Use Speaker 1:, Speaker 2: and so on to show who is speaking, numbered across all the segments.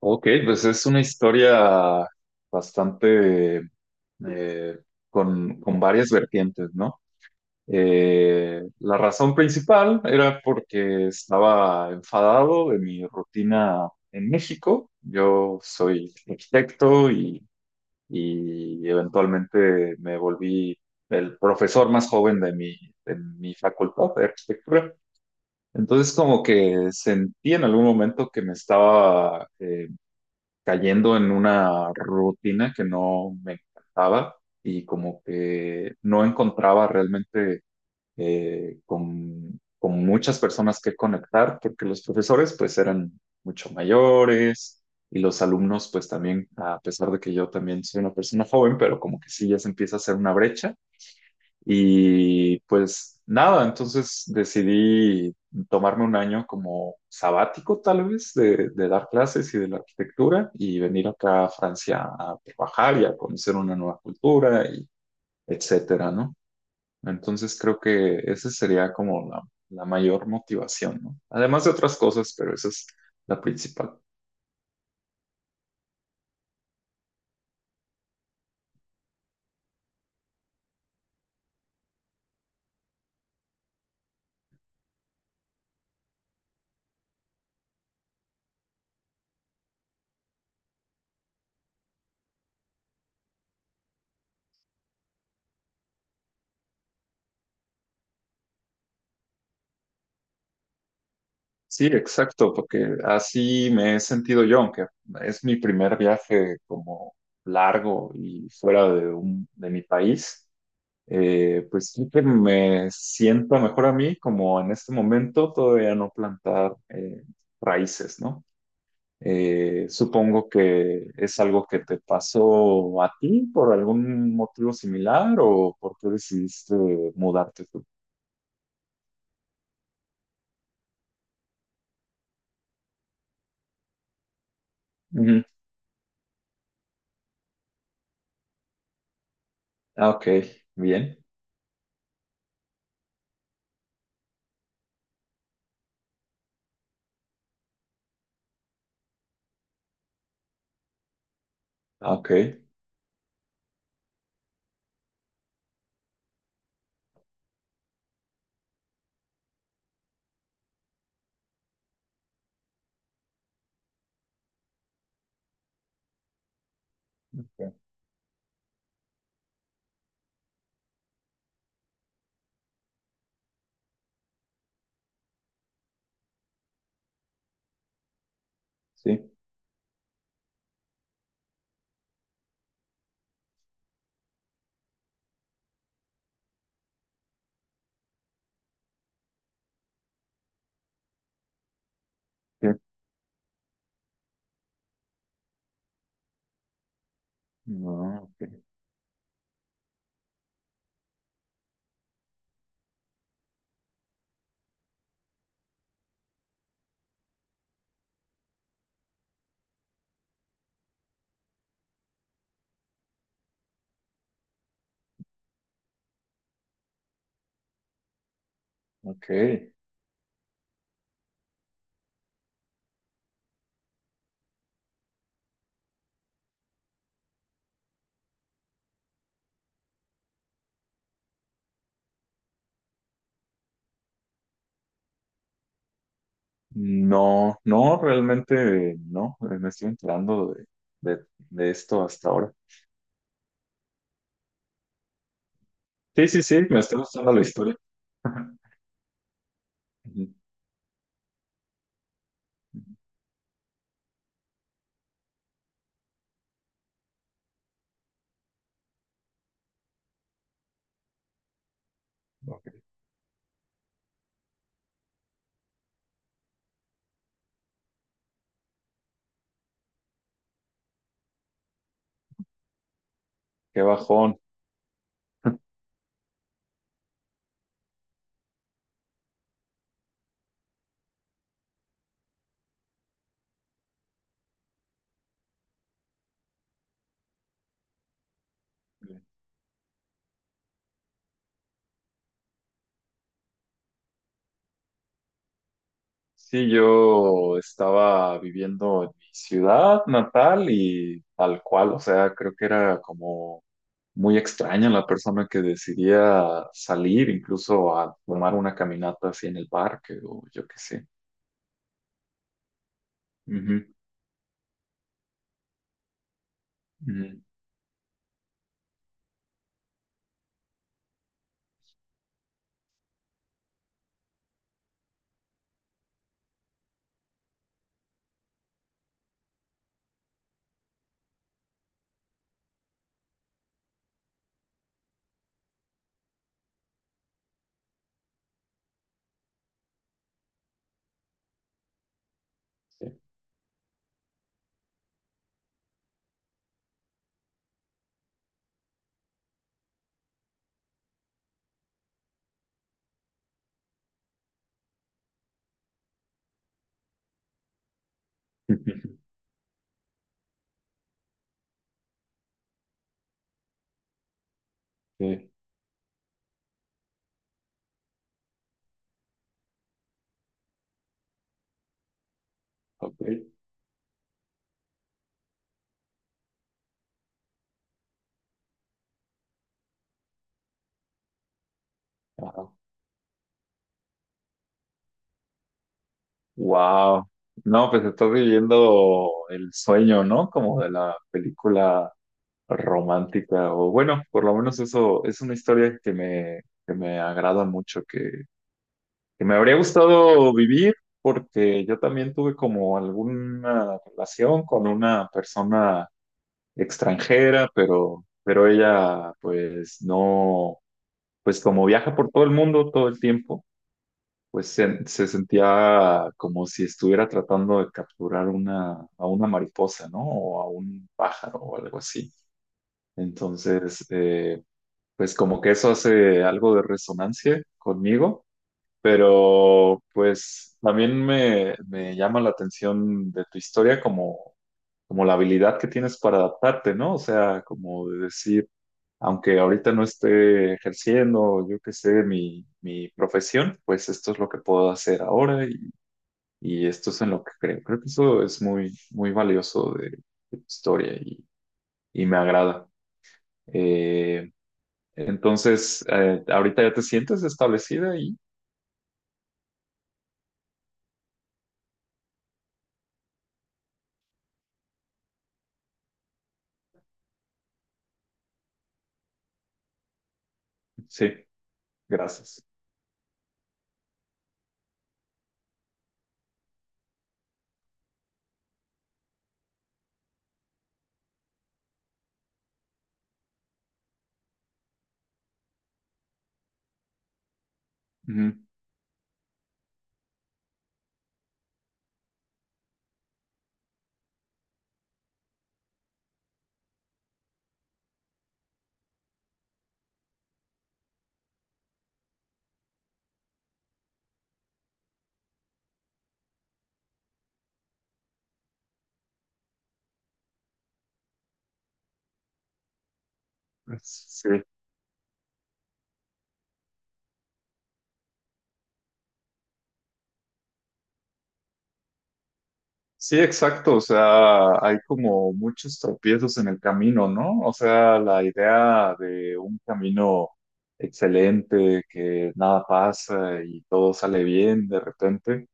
Speaker 1: Ok, pues es una historia bastante eh, con varias vertientes, ¿no? La razón principal era porque estaba enfadado de mi rutina en México. Yo soy arquitecto y eventualmente me volví el profesor más joven de mi facultad de arquitectura. Entonces como que sentí en algún momento que me estaba cayendo en una rutina que no me encantaba y como que no encontraba realmente con muchas personas que conectar, porque los profesores pues eran mucho mayores y los alumnos pues también, a pesar de que yo también soy una persona joven, pero como que sí ya se empieza a hacer una brecha y pues nada, entonces decidí tomarme un año como sabático tal vez de dar clases y de la arquitectura y venir acá a Francia a trabajar y a conocer una nueva cultura y etcétera, ¿no? Entonces creo que esa sería como la mayor motivación, ¿no? Además de otras cosas, pero esa es la principal. Sí, exacto, porque así me he sentido yo, aunque es mi primer viaje como largo y fuera de mi país, pues sí que me sienta mejor a mí, como en este momento todavía no plantar raíces, ¿no? Supongo que es algo que te pasó a ti por algún motivo similar o por qué decidiste mudarte tú. Ujú. Ah, ok, bien. Ah, ok. Ok. Sí. Sí. No, ok. Ok. No, no, realmente no. Me estoy enterando de esto hasta ahora. Sí, sí, sí, me está gustando la historia. Ujú. Ok. Qué bajón. Sí, yo estaba viviendo en mi ciudad natal y tal cual, o sea, creo que era como muy extraña la persona que decidía salir incluso a tomar una caminata así en el parque o yo qué sé. Ujú, ujú, sí. Sí, ok. Ajá. Wow. No, pues estás viviendo el sueño, ¿no? Como de la película romántica, o bueno, por lo menos eso es una historia que me agrada mucho, que me habría gustado vivir, porque yo también tuve como alguna relación con una persona extranjera, pero ella, pues no, pues como viaja por todo el mundo todo el tiempo se sentía como si estuviera tratando de capturar a una mariposa, ¿no? O a un pájaro o algo así. Entonces, pues como que eso hace algo de resonancia conmigo, pero pues también me llama la atención de tu historia como, como la habilidad que tienes para adaptarte, ¿no? O sea, como de decir, aunque ahorita no esté ejerciendo, yo qué sé, mi profesión, pues esto es lo que puedo hacer ahora y esto es en lo que creo. Creo que eso es muy, muy valioso de tu historia y me agrada. Eh, entonces, ahorita ya te sientes establecida y sí, gracias. Ujú. Sí. Sí, exacto. O sea, hay como muchos tropiezos en el camino, ¿no? O sea, la idea de un camino excelente, que nada pasa y todo sale bien de repente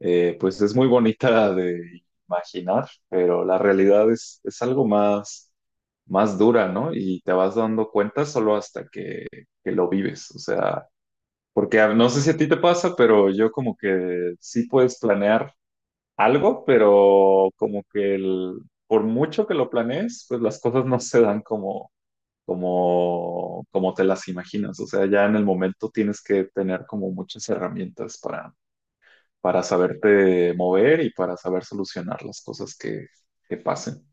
Speaker 1: pues es muy bonita de imaginar, pero la realidad es algo más, más dura, ¿no? Y te vas dando cuenta solo hasta que lo vives, o sea, porque no sé si a ti te pasa, pero yo como que sí puedes planear algo, pero como que por mucho que lo planees, pues las cosas no se dan como... Como, como te las imaginas, o sea, ya en el momento tienes que tener como muchas herramientas para saberte mover y para saber solucionar las cosas que pasen.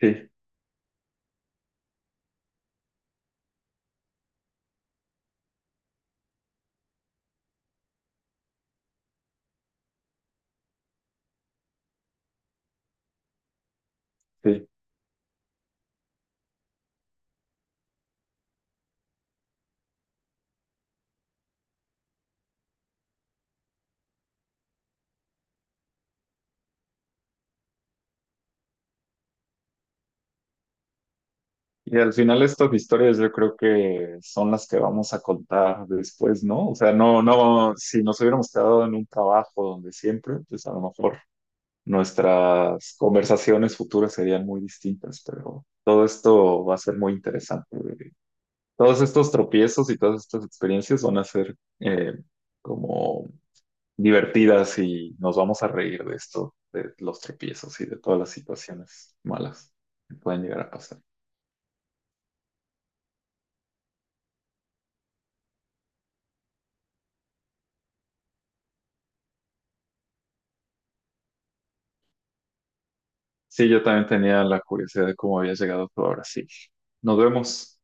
Speaker 1: Sí, sí. Y al final estas historias yo creo que son las que vamos a contar después, ¿no? O sea, no, no, si nos hubiéramos quedado en un trabajo donde siempre, pues a lo mejor nuestras conversaciones futuras serían muy distintas, pero todo esto va a ser muy interesante. Todos estos tropiezos y todas estas experiencias van a ser como divertidas y nos vamos a reír de esto, de los tropiezos y de todas las situaciones malas que pueden llegar a pasar. Sí, yo también tenía la curiosidad de cómo había llegado tú a Brasil. Nos vemos.